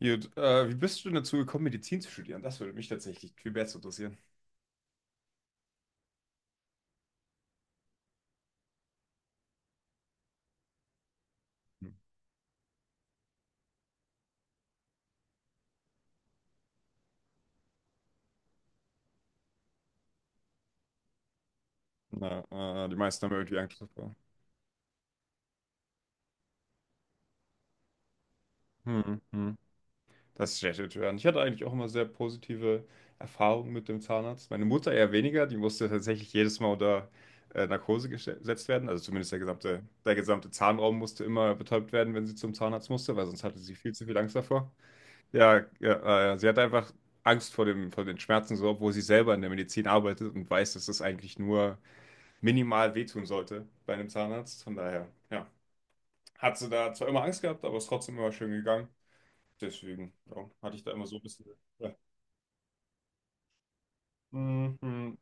Gut, wie bist du denn dazu gekommen, Medizin zu studieren? Das würde mich tatsächlich viel besser interessieren. Hm. Na, die meisten haben irgendwie Angst davor. Hm, hm. Das ist schlecht zu hören. Ich hatte eigentlich auch immer sehr positive Erfahrungen mit dem Zahnarzt. Meine Mutter eher weniger, die musste tatsächlich jedes Mal unter Narkose gesetzt werden. Also zumindest der gesamte Zahnraum musste immer betäubt werden, wenn sie zum Zahnarzt musste, weil sonst hatte sie viel zu viel Angst davor. Ja, ja, sie hat einfach Angst vor vor den Schmerzen, so, obwohl sie selber in der Medizin arbeitet und weiß, dass das eigentlich nur minimal wehtun sollte bei einem Zahnarzt. Von daher, ja, hat sie da zwar immer Angst gehabt, aber ist trotzdem immer schön gegangen. Deswegen, ja, hatte ich da immer so ein bisschen. Ja. Mhm.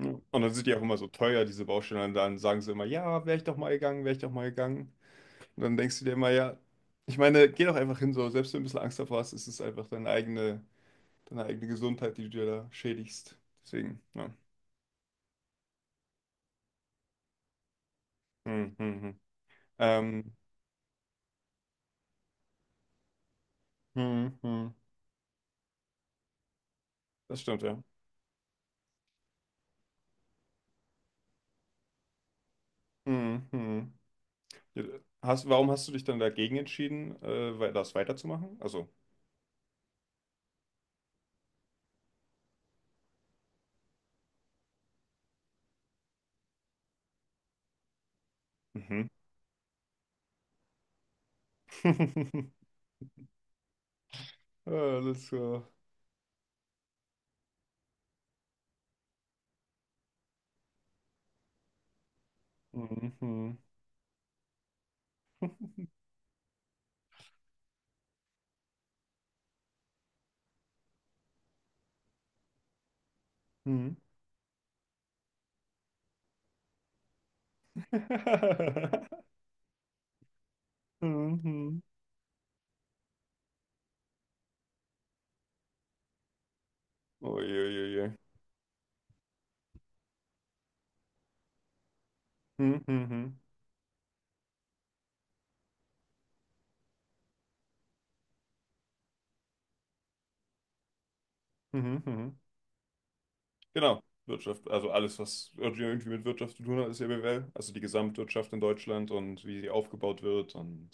Ja. Und dann sind die auch immer so teuer, diese Baustellen. Und dann sagen sie immer, ja, wäre ich doch mal gegangen, wäre ich doch mal gegangen. Und dann denkst du dir immer, ja, ich meine, geh doch einfach hin, so, selbst wenn du ein bisschen Angst davor hast, ist es einfach deine eigene Gesundheit, die du dir da schädigst. Deswegen, ja. Mhm. Ähm, mhm. Das stimmt, ja. Mhm. Ja, hast, warum hast du dich dann dagegen entschieden, das weiterzumachen? Also, mhm. Alles klar. Mhm. Mhm. Mhm. Uiuiui. Mhm. Mhm. Mhm. Mhm. Genau, Wirtschaft, also alles, was irgendwie mit Wirtschaft zu tun hat, ist ja BWL. Also die Gesamtwirtschaft in Deutschland und wie sie aufgebaut wird, und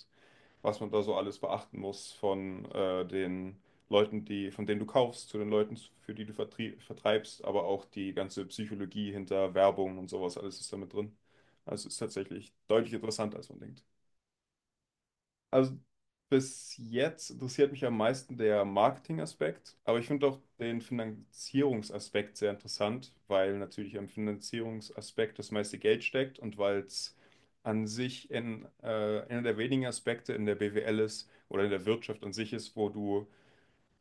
was man da so alles beachten muss, von den Leuten, die, von denen du kaufst, zu den Leuten, für die du vertreibst, aber auch die ganze Psychologie hinter Werbung und sowas, alles ist da mit drin. Also es ist tatsächlich deutlich interessanter, als man denkt. Also bis jetzt interessiert mich am meisten der Marketingaspekt, aber ich finde auch den Finanzierungsaspekt sehr interessant, weil natürlich am Finanzierungsaspekt das meiste Geld steckt, und weil es an sich einer der wenigen Aspekte in der BWL ist, oder in der Wirtschaft an sich ist, wo du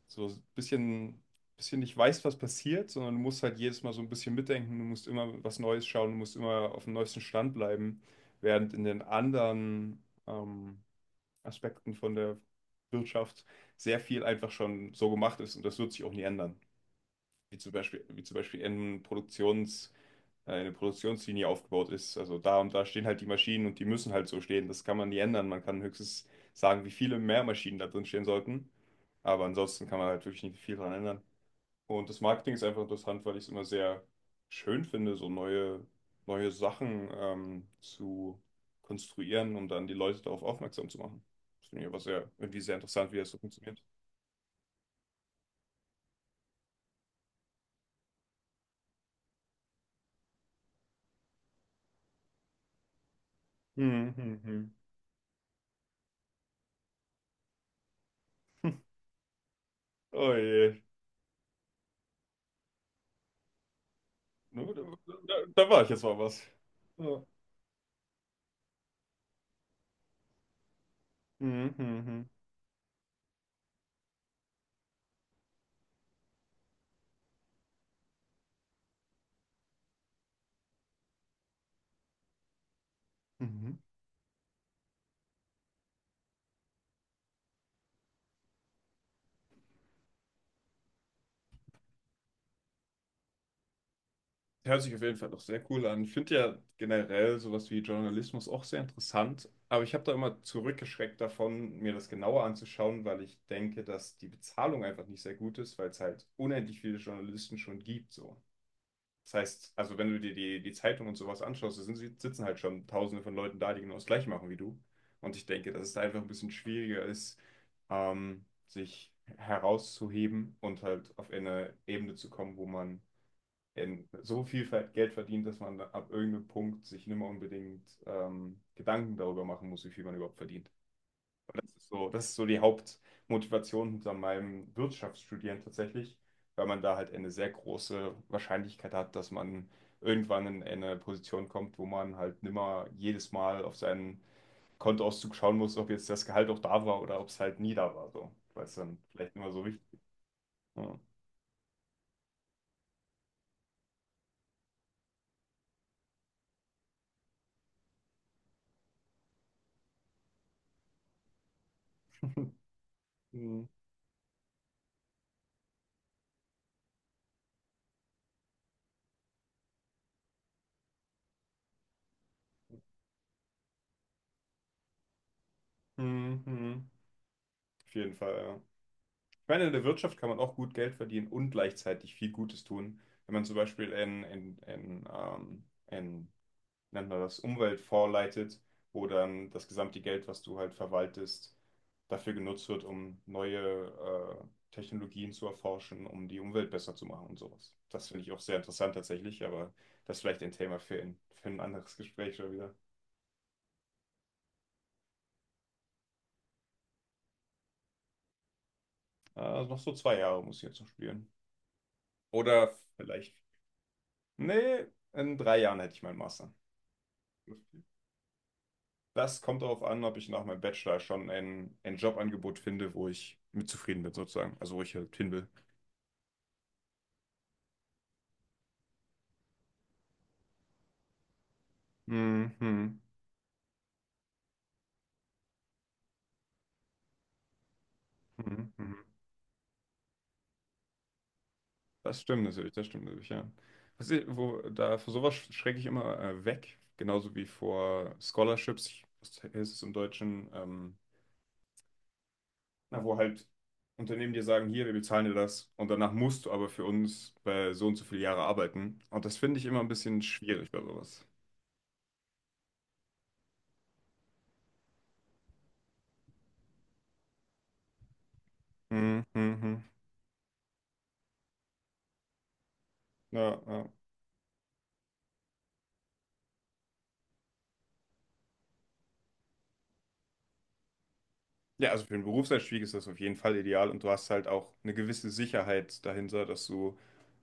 so ein bisschen nicht weißt, was passiert, sondern du musst halt jedes Mal so ein bisschen mitdenken, du musst immer was Neues schauen, du musst immer auf dem neuesten Stand bleiben, während in den anderen ähm, Aspekten von der Wirtschaft sehr viel einfach schon so gemacht ist, und das wird sich auch nie ändern. Wie zum Beispiel in eine Produktionslinie aufgebaut ist. Also da und da stehen halt die Maschinen, und die müssen halt so stehen. Das kann man nie ändern. Man kann höchstens sagen, wie viele mehr Maschinen da drin stehen sollten. Aber ansonsten kann man halt wirklich nicht viel dran ändern. Und das Marketing ist einfach interessant, weil ich es immer sehr schön finde, so neue Sachen zu konstruieren, um dann die Leute darauf aufmerksam zu machen. Das finde ich aber sehr, irgendwie sehr interessant, wie das so funktioniert. Hm, hm, hm. Oh je. Da war ich jetzt mal was. Ja. Hm, hm, hm. Mhm. Hört sich auf jeden Fall doch sehr cool an. Ich finde ja generell sowas wie Journalismus auch sehr interessant, aber ich habe da immer zurückgeschreckt davon, mir das genauer anzuschauen, weil ich denke, dass die Bezahlung einfach nicht sehr gut ist, weil es halt unendlich viele Journalisten schon gibt, so. Das heißt, also wenn du dir die Zeitung und sowas anschaust, da sind, sitzen halt schon Tausende von Leuten da, die genau das Gleiche machen wie du. Und ich denke, dass es da einfach ein bisschen schwieriger ist, sich herauszuheben und halt auf eine Ebene zu kommen, wo man in so viel Geld verdient, dass man ab irgendeinem Punkt sich nicht mehr unbedingt Gedanken darüber machen muss, wie viel man überhaupt verdient. Das ist so die Hauptmotivation hinter meinem Wirtschaftsstudieren tatsächlich, weil man da halt eine sehr große Wahrscheinlichkeit hat, dass man irgendwann in eine Position kommt, wo man halt nimmer jedes Mal auf seinen Kontoauszug schauen muss, ob jetzt das Gehalt auch da war oder ob es halt nie da war, so, weil es dann vielleicht nicht mehr so wichtig ist. Ja. Hm, hm, hm. Auf jeden Fall, ja. Ich meine, in der Wirtschaft kann man auch gut Geld verdienen und gleichzeitig viel Gutes tun. Wenn man zum Beispiel in wie nennt man das, Umwelt vorleitet, wo dann das gesamte Geld, was du halt verwaltest, dafür genutzt wird, um neue Technologien zu erforschen, um die Umwelt besser zu machen und sowas. Das finde ich auch sehr interessant tatsächlich, aber das ist vielleicht ein Thema für für ein anderes Gespräch schon wieder. Also noch so zwei Jahre muss ich jetzt noch spielen. Oder vielleicht, nee, in drei Jahren hätte ich meinen Master. Das kommt darauf an, ob ich nach meinem Bachelor schon ein Jobangebot finde, wo ich mit zufrieden bin, sozusagen. Also wo ich halt hin will. Mhm. Mhm. Mhm. Das stimmt natürlich, ja. Was ich, wo, da, vor sowas schrecke ich immer weg, genauso wie vor Scholarships, ich- was heißt es im Deutschen, na, wo halt Unternehmen dir sagen, hier, wir bezahlen dir das und danach musst du aber für uns bei so und so viele Jahre arbeiten. Und das finde ich immer ein bisschen schwierig bei sowas. Mhm. Mhm. Ja, ja. Ja, also für einen Berufseinstieg ist das auf jeden Fall ideal, und du hast halt auch eine gewisse Sicherheit dahinter, dass du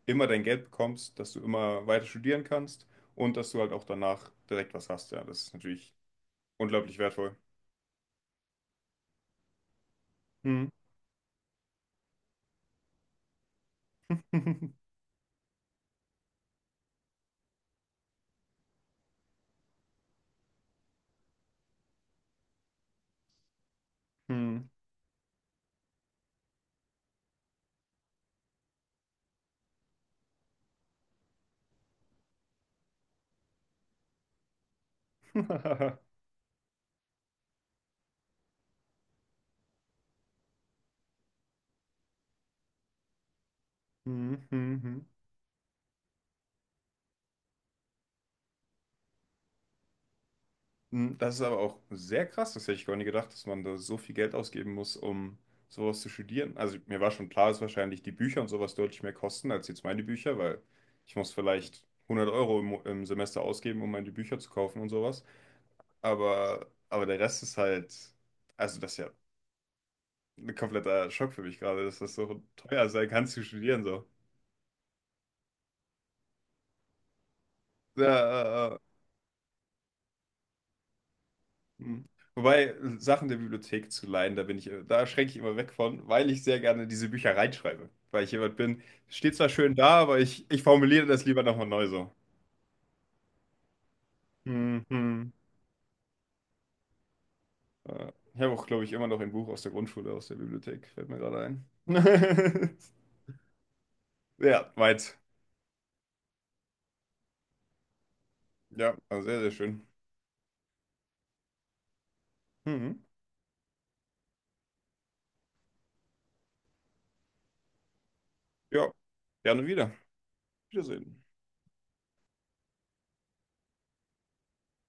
immer dein Geld bekommst, dass du immer weiter studieren kannst und dass du halt auch danach direkt was hast. Ja, das ist natürlich unglaublich wertvoll. Hm. Hm. Hm. Hm. Hm. Mm, das ist aber auch sehr krass. Das hätte ich gar nicht gedacht, dass man da so viel Geld ausgeben muss, um sowas zu studieren. Also mir war schon klar, dass wahrscheinlich die Bücher und sowas deutlich mehr kosten als jetzt meine Bücher, weil ich muss vielleicht 100 Euro im im Semester ausgeben, um meine Bücher zu kaufen und sowas. Aber der Rest ist halt, also das ist ja ein kompletter Schock für mich gerade, dass das so teuer sein kann zu studieren so. Ja, ja, ja. Hm. Wobei Sachen der Bibliothek zu leihen, da bin ich, da schränke ich immer weg von, weil ich sehr gerne diese Bücher reinschreibe. Weil ich jemand bin, steht zwar schön da, aber ich formuliere das lieber nochmal neu so. Hm, hm. Ich habe auch, glaube ich, immer noch ein Buch aus der Grundschule, aus der Bibliothek, fällt mir gerade ein. Ja, weit. Ja, also sehr, sehr schön. Mhm. Ja, gerne wieder. Wiedersehen.